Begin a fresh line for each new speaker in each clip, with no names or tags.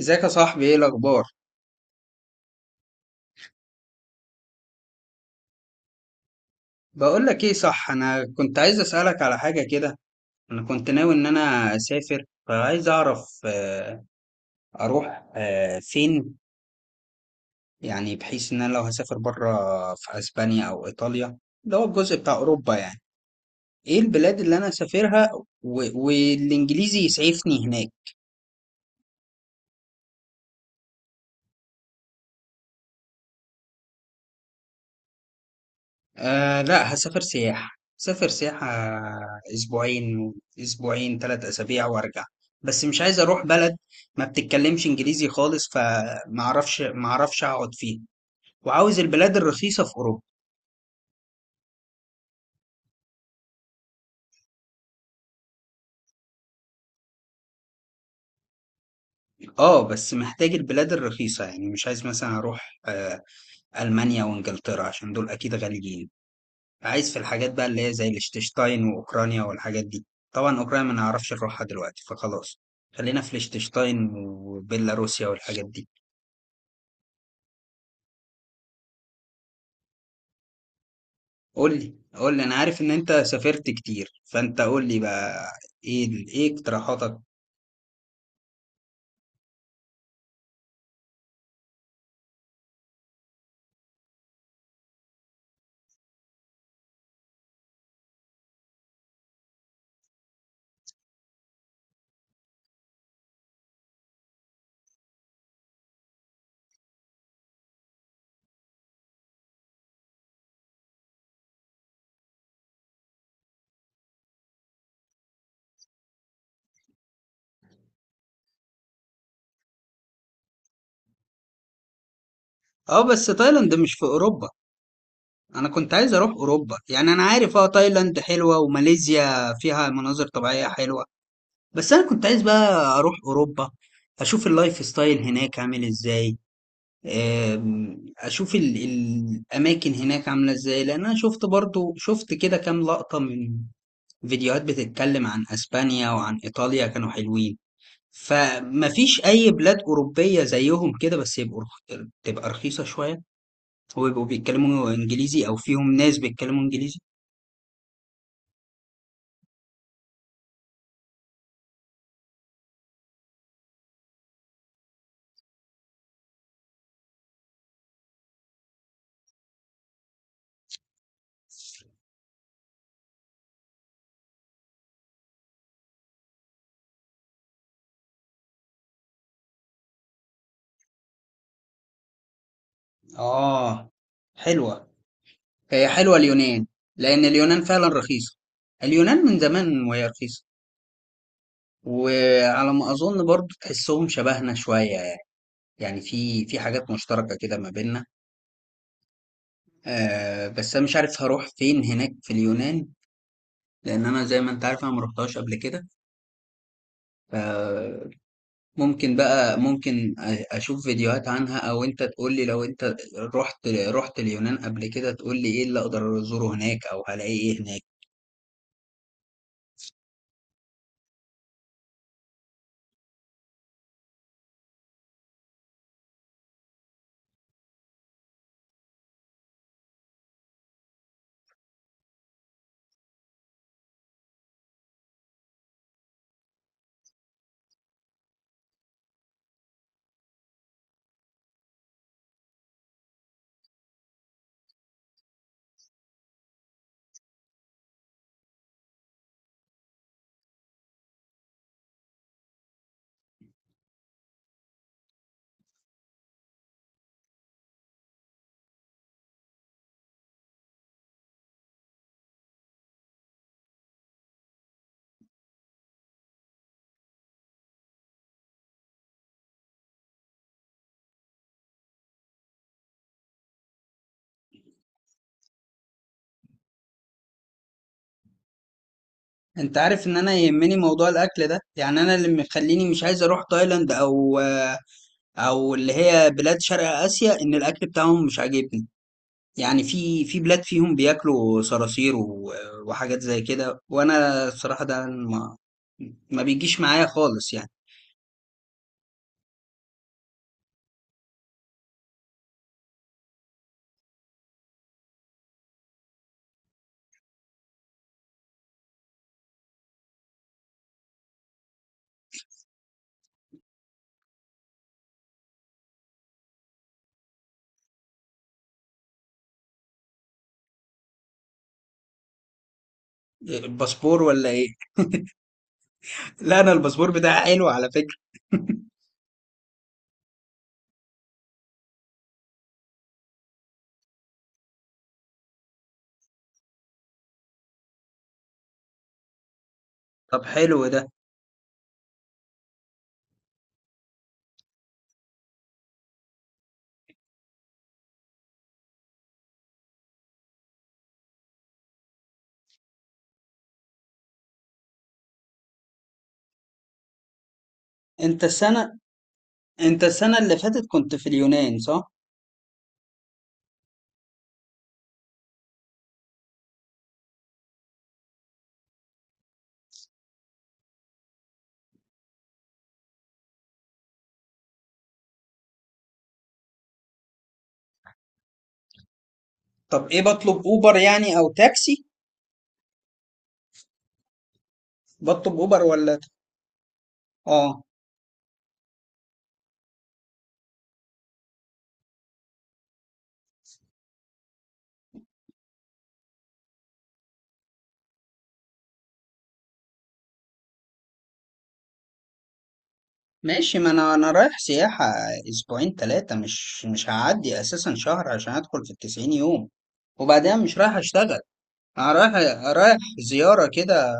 ازيك يا صاحبي؟ ايه الاخبار؟ بقول لك ايه، صح؟ انا كنت عايز اسالك على حاجه كده. انا كنت ناوي ان انا اسافر، فعايز اعرف اروح فين، يعني بحيث ان انا لو هسافر بره في اسبانيا او ايطاليا. ده هو الجزء بتاع اوروبا يعني. ايه البلاد اللي انا اسافرها والانجليزي يسعفني هناك؟ آه، لا، هسافر سياحة. سافر سياحة. أسبوعين. أسبوعين ثلاث أسابيع وأرجع. بس مش عايز أروح بلد ما بتتكلمش إنجليزي خالص، فمعرفش أقعد فيها، وعاوز البلاد الرخيصة في أوروبا. آه بس محتاج البلاد الرخيصة، يعني مش عايز مثلا أروح ألمانيا وإنجلترا عشان دول أكيد غاليين. عايز في الحاجات بقى اللي هي زي الاشتشتاين وأوكرانيا والحاجات دي. طبعا أوكرانيا ما نعرفش نروحها دلوقتي، فخلاص، خلينا في الاشتشتاين وبيلاروسيا والحاجات دي. قول لي، قول لي، انا عارف ان انت سافرت كتير، فانت قول لي بقى ايه ايه اقتراحاتك. اه بس تايلاند مش في اوروبا. انا كنت عايز اروح اوروبا، يعني انا عارف اه تايلاند حلوة وماليزيا فيها مناظر طبيعية حلوة، بس انا كنت عايز بقى اروح اوروبا. اشوف اللايف ستايل هناك عامل ازاي، اشوف الاماكن هناك عاملة ازاي، لان انا شفت برضو شفت كده كام لقطة من فيديوهات بتتكلم عن اسبانيا وعن ايطاليا، كانوا حلوين. فمفيش اي بلاد اوروبيه زيهم كده، بس يبقوا تبقى رخيصه شويه، ويبقوا بيتكلموا انجليزي او فيهم ناس بيتكلموا انجليزي. اه، حلوه. هي حلوه اليونان، لان اليونان فعلا رخيصه، اليونان من زمان وهي رخيصه. وعلى ما اظن برضو تحسهم شبهنا شويه يعني، يعني في حاجات مشتركه كده ما بيننا. بس انا مش عارف هروح فين هناك في اليونان، لان انا زي ما انت عارف انا ما رحتهاش قبل كده. ف، ممكن بقى، ممكن اشوف فيديوهات عنها، او انت تقول لي لو انت رحت اليونان قبل كده، تقول لي ايه اللي اقدر ازوره هناك او هلاقي ايه هناك. انت عارف ان انا يهمني موضوع الاكل ده، يعني انا اللي مخليني مش عايز اروح تايلاند او اللي هي بلاد شرق اسيا، ان الاكل بتاعهم مش عاجبني. يعني في بلاد فيهم بياكلوا صراصير وحاجات زي كده، وانا الصراحة ده ما بيجيش معايا خالص يعني. الباسبور ولا ايه؟ لا، انا الباسبور بتاعي حلو على فكرة. طب حلو ده. انت السنة انت السنة اللي فاتت كنت في اليونان، صح؟ طب ايه، بطلب اوبر يعني او تاكسي؟ بطلب اوبر ولا؟ اه. ماشي، ما انا رايح سياحة اسبوعين ثلاثة، مش هعدي اساسا شهر عشان ادخل في التسعين يوم، وبعدين مش رايح اشتغل. انا رايح زيارة كده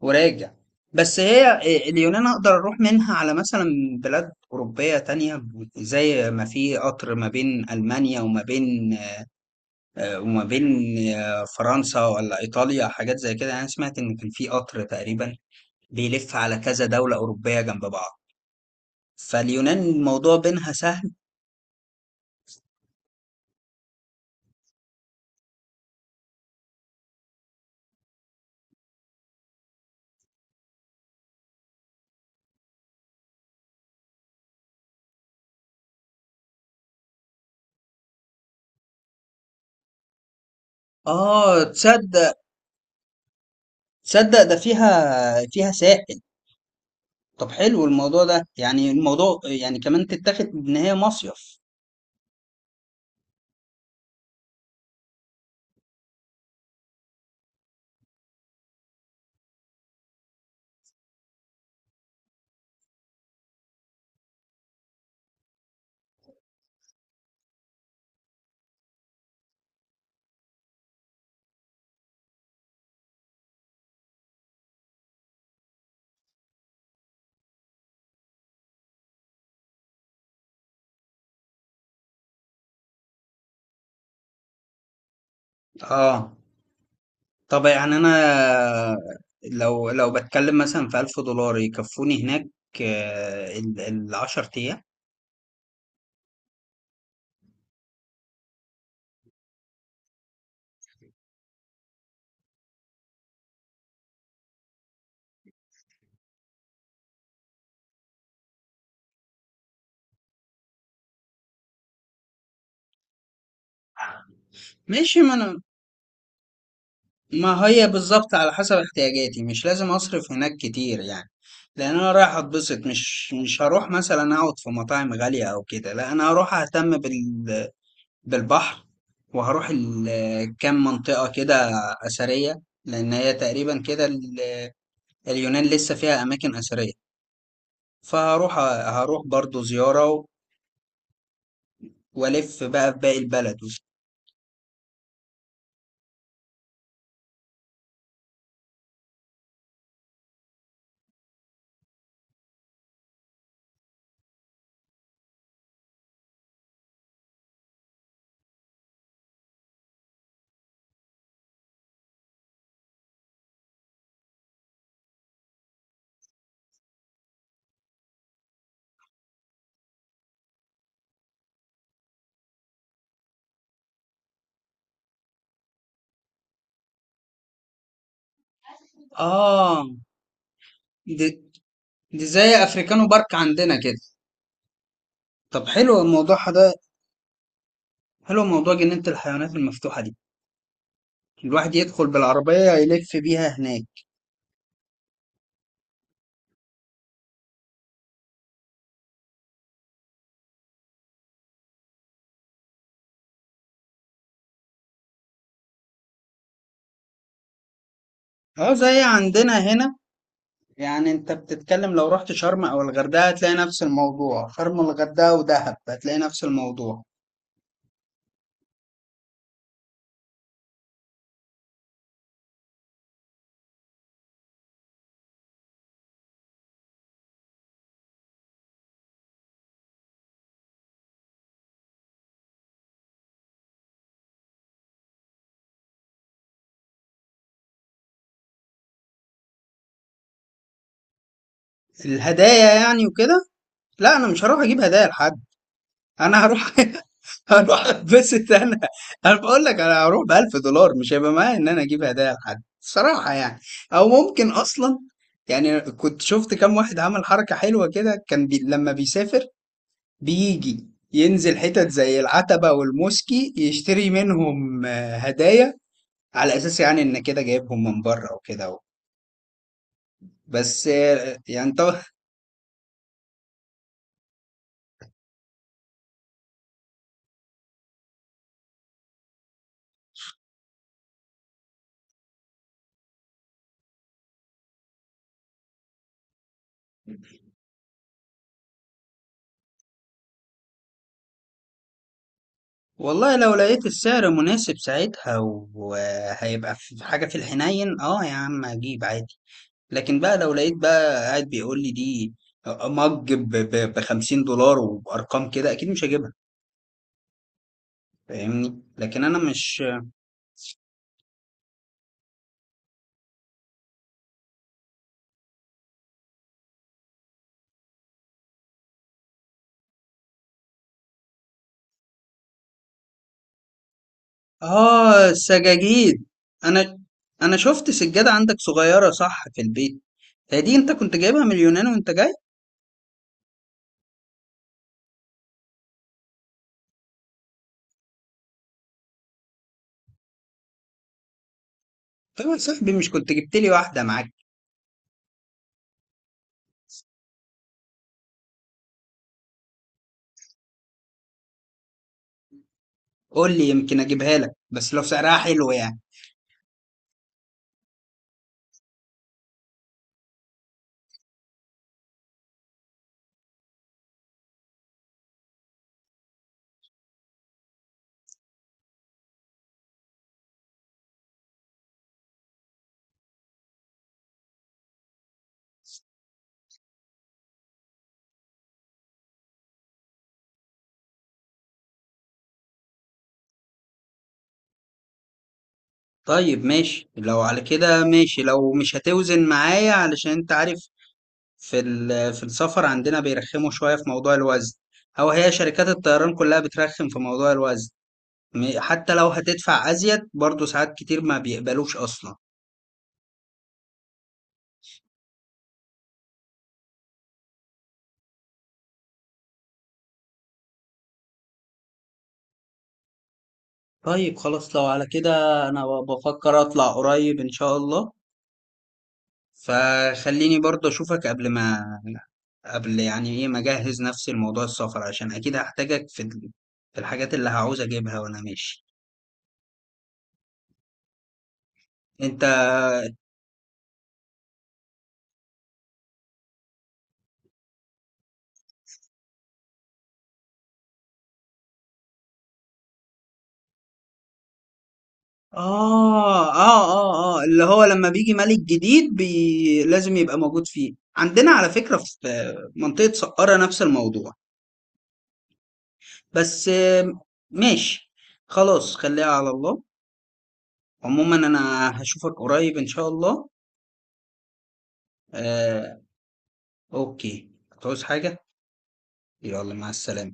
وراجع. بس هي اليونان اقدر اروح منها على مثلا بلاد اوروبيه تانية، زي ما في قطر ما بين المانيا وما بين آه، وما بين فرنسا ولا ايطاليا، حاجات زي كده. انا سمعت ان كان في قطر تقريبا بيلف على كذا دوله اوروبيه جنب بعض، فاليونان الموضوع بينها سهل. اه، تصدق، ده فيها ساحل. طب حلو الموضوع ده، يعني الموضوع يعني كمان تتاخد ان هي مصيف. اه طب يعني انا، لو بتكلم مثلا في 1000 دولار يكفوني هناك ال 10 ايام. ماشي، ما انا ما هي بالظبط على حسب احتياجاتي، مش لازم اصرف هناك كتير يعني، لان انا رايح اتبسط، مش هروح مثلا اقعد في مطاعم غالية او كده، لا انا هروح اهتم بالبحر، وهروح كام منطقة كده اثرية، لان هي تقريبا كده اليونان لسه فيها اماكن اثرية، فهروح، برضو زيارة والف بقى في باقي البلد. اه، دي, دي زي افريكانو بارك عندنا كده. طب حلو الموضوع ده، حلو موضوع جنينة الحيوانات المفتوحة دي، الواحد يدخل بالعربية يلف بيها هناك. اه، زي عندنا هنا، يعني انت بتتكلم لو رحت شرم او الغردقة هتلاقي نفس الموضوع، شرم الغردقة ودهب هتلاقي نفس الموضوع. الهدايا يعني وكده؟ لا، انا مش هروح اجيب هدايا لحد. انا هروح هروح اتبسط انا. انا بقول لك انا هروح ب 1000 دولار، مش هيبقى معايا ان انا اجيب هدايا لحد صراحة يعني. او ممكن اصلا، يعني كنت شفت كام واحد عمل حركة حلوة كده، كان لما بيسافر بيجي ينزل حتت زي العتبة والموسكي يشتري منهم هدايا، على اساس يعني ان كده جايبهم من بره وكده، بس يعني طبعا. والله لو لقيت السعر مناسب ساعتها، وهيبقى في حاجة في الحنين، اه يا عم اجيب عادي. لكن بقى لو لقيت بقى قاعد بيقول لي دي مج ب 50 دولار وبأرقام كده، اكيد مش هجيبها، فاهمني؟ لكن انا مش. اه، السجاجيد. انا انا شفت سجادة عندك صغيرة، صح، في البيت. هي دي انت كنت جايبها من اليونان وانت جاي؟ طب يا صاحبي، مش كنت جبت لي واحدة معاك؟ قول لي، يمكن اجيبها لك، بس لو سعرها حلو يعني. طيب ماشي، لو على كده ماشي، لو مش هتوزن معايا، علشان انت عارف في في السفر عندنا بيرخموا شوية في موضوع الوزن، او هي شركات الطيران كلها بترخم في موضوع الوزن، حتى لو هتدفع ازيد برضو ساعات كتير ما بيقبلوش اصلا. طيب خلاص لو على كده، انا بفكر اطلع قريب ان شاء الله، فخليني برضو اشوفك قبل يعني ايه ما اجهز نفسي لموضوع السفر، عشان اكيد هحتاجك في في الحاجات اللي هعوز اجيبها وانا ماشي. انت اللي هو لما بيجي ملك جديد لازم يبقى موجود فيه، عندنا على فكرة في منطقة سقارة نفس الموضوع، بس ماشي، خلاص خليها على الله. عموما أنا هشوفك قريب إن شاء الله. آه، أوكي، هتعوز حاجة؟ يلا مع السلامة.